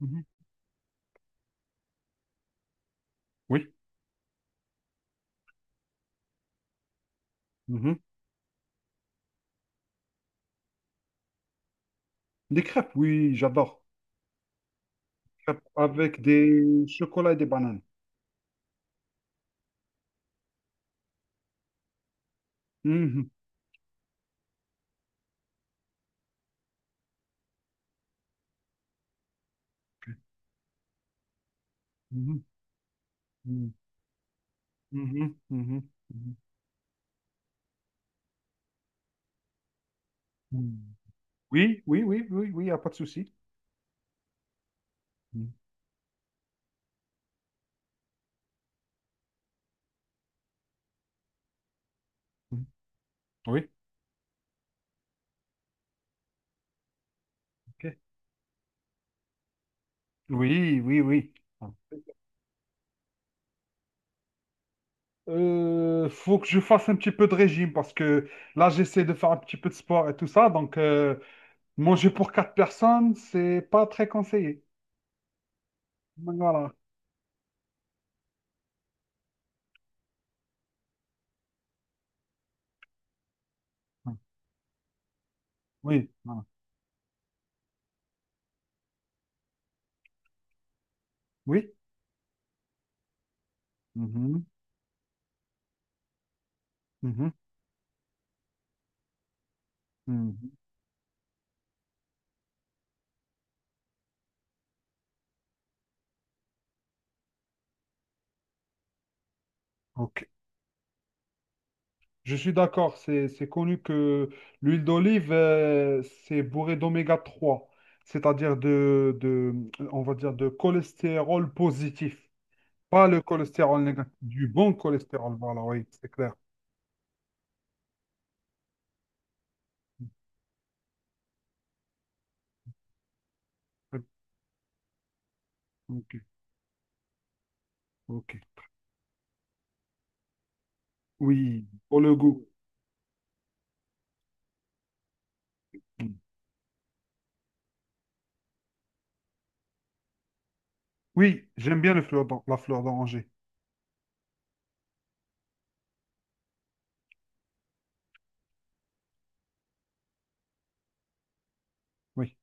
Mhm. Oui. Mhm. Des crêpes, oui, j'adore. Crêpes avec des chocolats et des bananes. Mhm. Mhm. Mhm. Mhm. Mhm. Mhm. Mhm. Oui, oui, oui, oui, oui, il n'y a pas de souci. Mhm. Mhm. Oui, ok. Oui, oui, oui. Faut que je fasse un petit peu de régime parce que là, j'essaie de faire un petit peu de sport et tout ça. Donc, manger pour quatre personnes, c'est pas très conseillé. Donc, voilà. Oui, voilà. Oui. Mhm. Mhm. Mhm. Ok. Je suis d'accord, c'est connu que l'huile d'olive, c'est bourré d'oméga 3, c'est-à-dire on va dire, de cholestérol positif, pas le cholestérol négatif, du bon cholestérol, voilà, oui, c'est clair. Ok, ok. Oui, pour le goût. Oui, j'aime bien la fleur d'oranger, oui.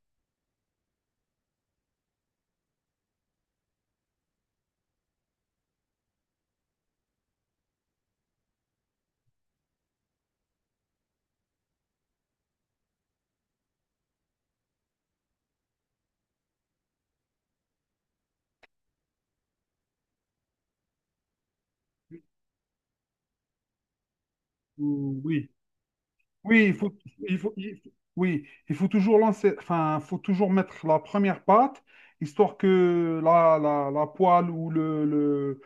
Oui, oui, oui, il faut toujours lancer, enfin, faut toujours mettre la première pâte, histoire que la poêle ou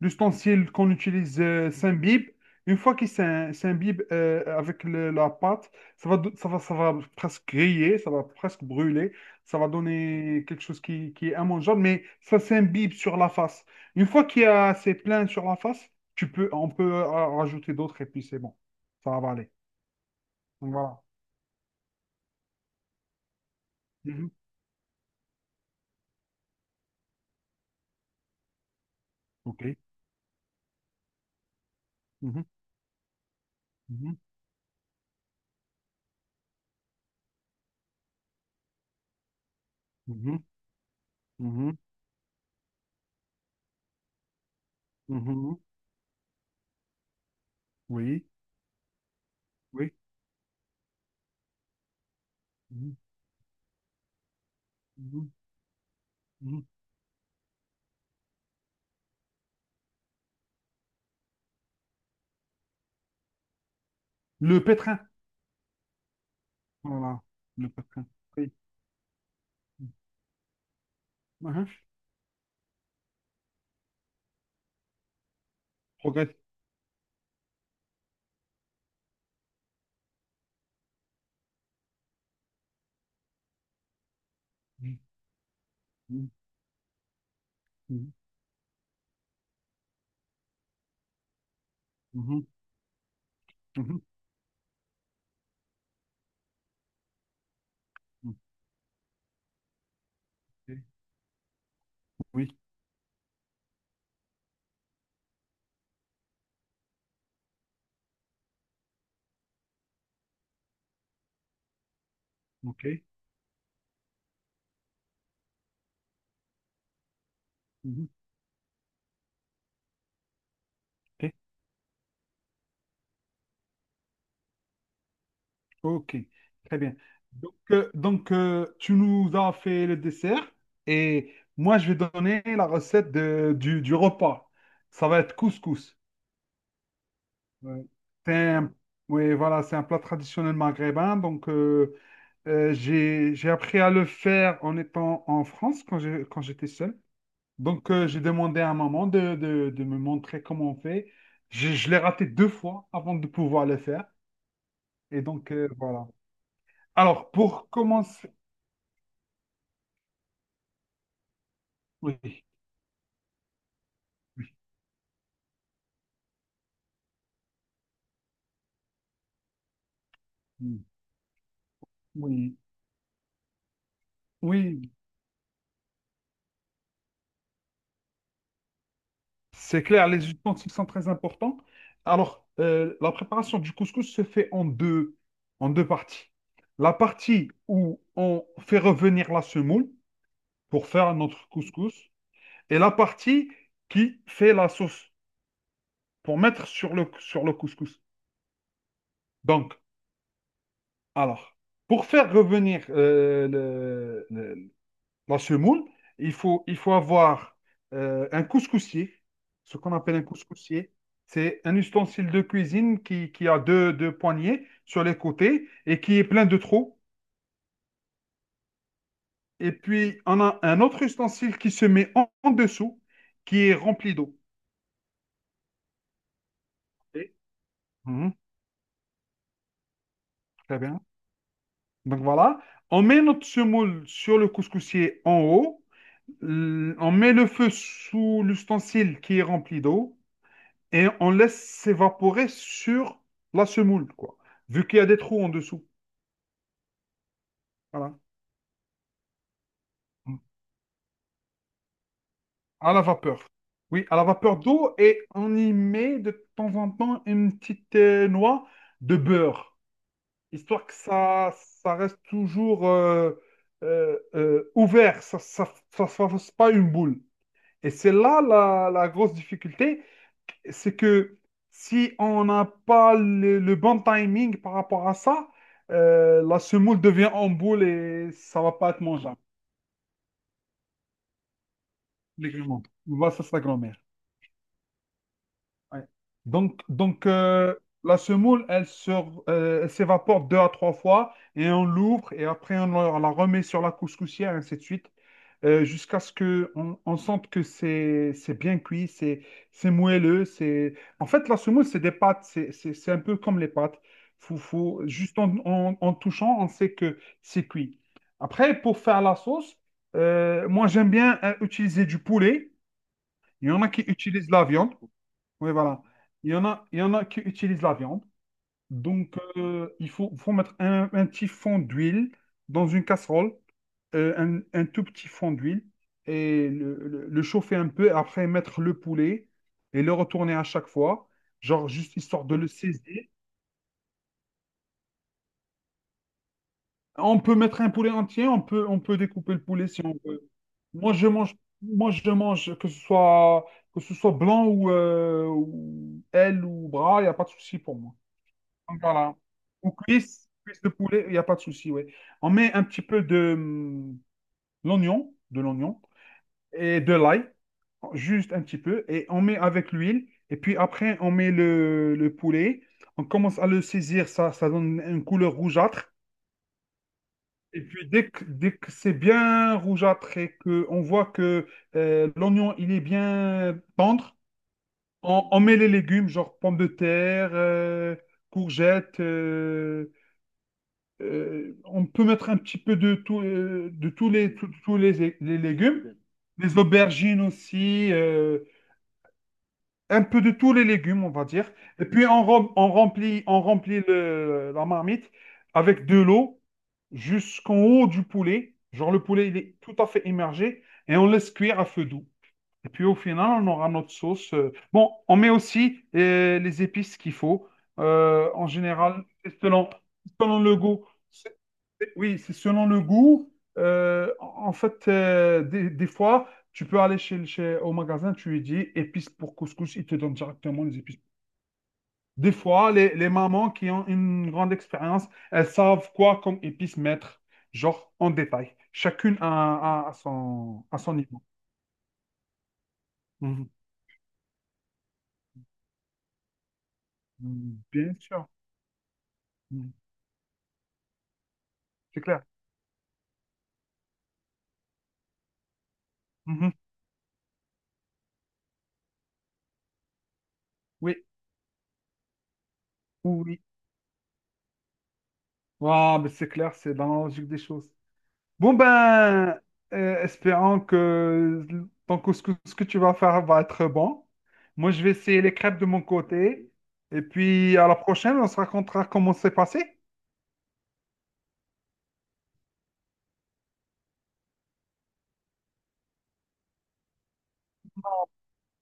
l'ustensile qu'on utilise s'imbibe. Une fois qu'il s'imbibe avec la pâte, ça va presque griller, ça va presque brûler, ça va donner quelque chose qui est immangeable, mais ça s'imbibe sur la face. Une fois qu'il y a assez plein sur la face, on peut rajouter d'autres et puis c'est bon, ça va aller. Donc, voilà. Mhm. Ok. Mhm. Mhm. Mhm. Mhm. Mhm. Oui. Oui. Mhm. Mhm. Mhm. Le pétrin. Voilà. Le pétrin. Oui. Mhm. Progresse. Mhm. Mhm. Mhm. Mhm. Ok. Oui. OK. Mhm. OK. OK. Très bien. Donc, tu nous as fait le dessert et moi, je vais donner la recette du repas. Ça va être couscous. Ouais. C'est un- Oui, voilà, c'est un plat traditionnel maghrébin. Donc, j'ai appris à le faire en étant en France quand j'étais seul. Donc, j'ai demandé à maman de me montrer comment on fait. Je l'ai raté deux fois avant de pouvoir le faire. Et donc, voilà. Alors, pour commencer. Oui. Oui. Oui. C'est clair, les ustensiles sont très importants. Alors, la préparation du couscous se fait en deux parties. La partie où on fait revenir la semoule pour faire notre couscous et la partie qui fait la sauce pour mettre sur le couscous. Donc, alors, pour faire revenir la semoule, il faut avoir un couscoussier, ce qu'on appelle un couscoussier. C'est un ustensile de cuisine qui a deux poignées sur les côtés et qui est plein de trous. Et puis, on a un autre ustensile qui se met en dessous, qui est rempli d'eau. Ok. Mhm, très bien. Donc voilà, on met notre semoule sur le couscoussier en haut. On met le feu sous l'ustensile qui est rempli d'eau. Et on laisse s'évaporer sur la semoule, quoi. Vu qu'il y a des trous en dessous. Voilà. À la vapeur. Oui, à la vapeur d'eau et on y met de temps en temps une petite noix de beurre, histoire que ça reste toujours ouvert, ça ne fasse pas une boule. Et c'est là la grosse difficulté, c'est que si on n'a pas le bon timing par rapport à ça, la semoule devient en boule et ça va pas être mangeable. Légalement. Voilà, ça, c'est la grand-mère. Ouais. Donc, la semoule, elle s'évapore deux à trois fois et on l'ouvre et après on la remet sur la couscoussière, ainsi de suite, jusqu'à ce que on sente que c'est bien cuit, c'est- moelleux. C'est En fait, la semoule, c'est des pâtes, c'est un peu comme les pâtes. Faut, juste en touchant, on sait que c'est cuit. Après, pour faire la sauce, moi j'aime bien utiliser du poulet. Il y en a qui utilisent la viande. Oui, voilà. Il y en a qui utilisent la viande. Donc, il faut mettre un petit fond d'huile dans une casserole, un tout petit fond d'huile, et le chauffer un peu, après mettre le poulet et le retourner à chaque fois, genre juste histoire de le saisir. On peut mettre un poulet entier, on peut découper le poulet si on veut. Moi, je mange, moi, je mange que ce soit blanc ou aile ou bras, il n'y a pas de souci pour moi. Donc, voilà. Ou cuisse de poulet, il n'y a pas de souci, ouais. On met un petit peu de l'oignon et de l'ail, juste un petit peu, et on met avec l'huile. Et puis après, on met le poulet. On commence à le saisir, ça donne une couleur rougeâtre. Et puis dès que c'est bien rougeâtre et qu'on voit que l'oignon, il est bien tendre, on met les légumes, genre pommes de terre, courgettes. On peut mettre un petit peu de tous les légumes, les aubergines aussi, un peu de tous les légumes, on va dire. Et puis on remplit la marmite avec de l'eau jusqu'en haut du poulet. Genre le poulet, il est tout à fait immergé et on laisse cuire à feu doux. Et puis au final, on aura notre sauce. Bon, on met aussi les épices qu'il faut. En général, selon, selon le goût. Oui, c'est selon le goût. En fait, des fois, tu peux aller au magasin, tu lui dis épices pour couscous, ils te donnent directement les épices. Des fois, les mamans qui ont une grande expérience, elles savent quoi comme épices mettre, genre en détail. Chacune à son niveau. Mhm. Mhm. Bien sûr. Mhm. C'est clair. Mhm. Oui, oui. Oui. Ah, mais c'est clair, c'est dans la logique des choses. Bon ben, espérons que donc, ce que tu vas faire va être bon. Moi, je vais essayer les crêpes de mon côté. Et puis, à la prochaine, on se racontera comment c'est passé.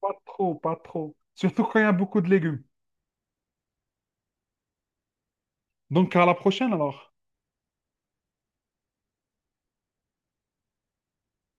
Pas trop, pas trop. Surtout quand il y a beaucoup de légumes. Donc, à la prochaine alors.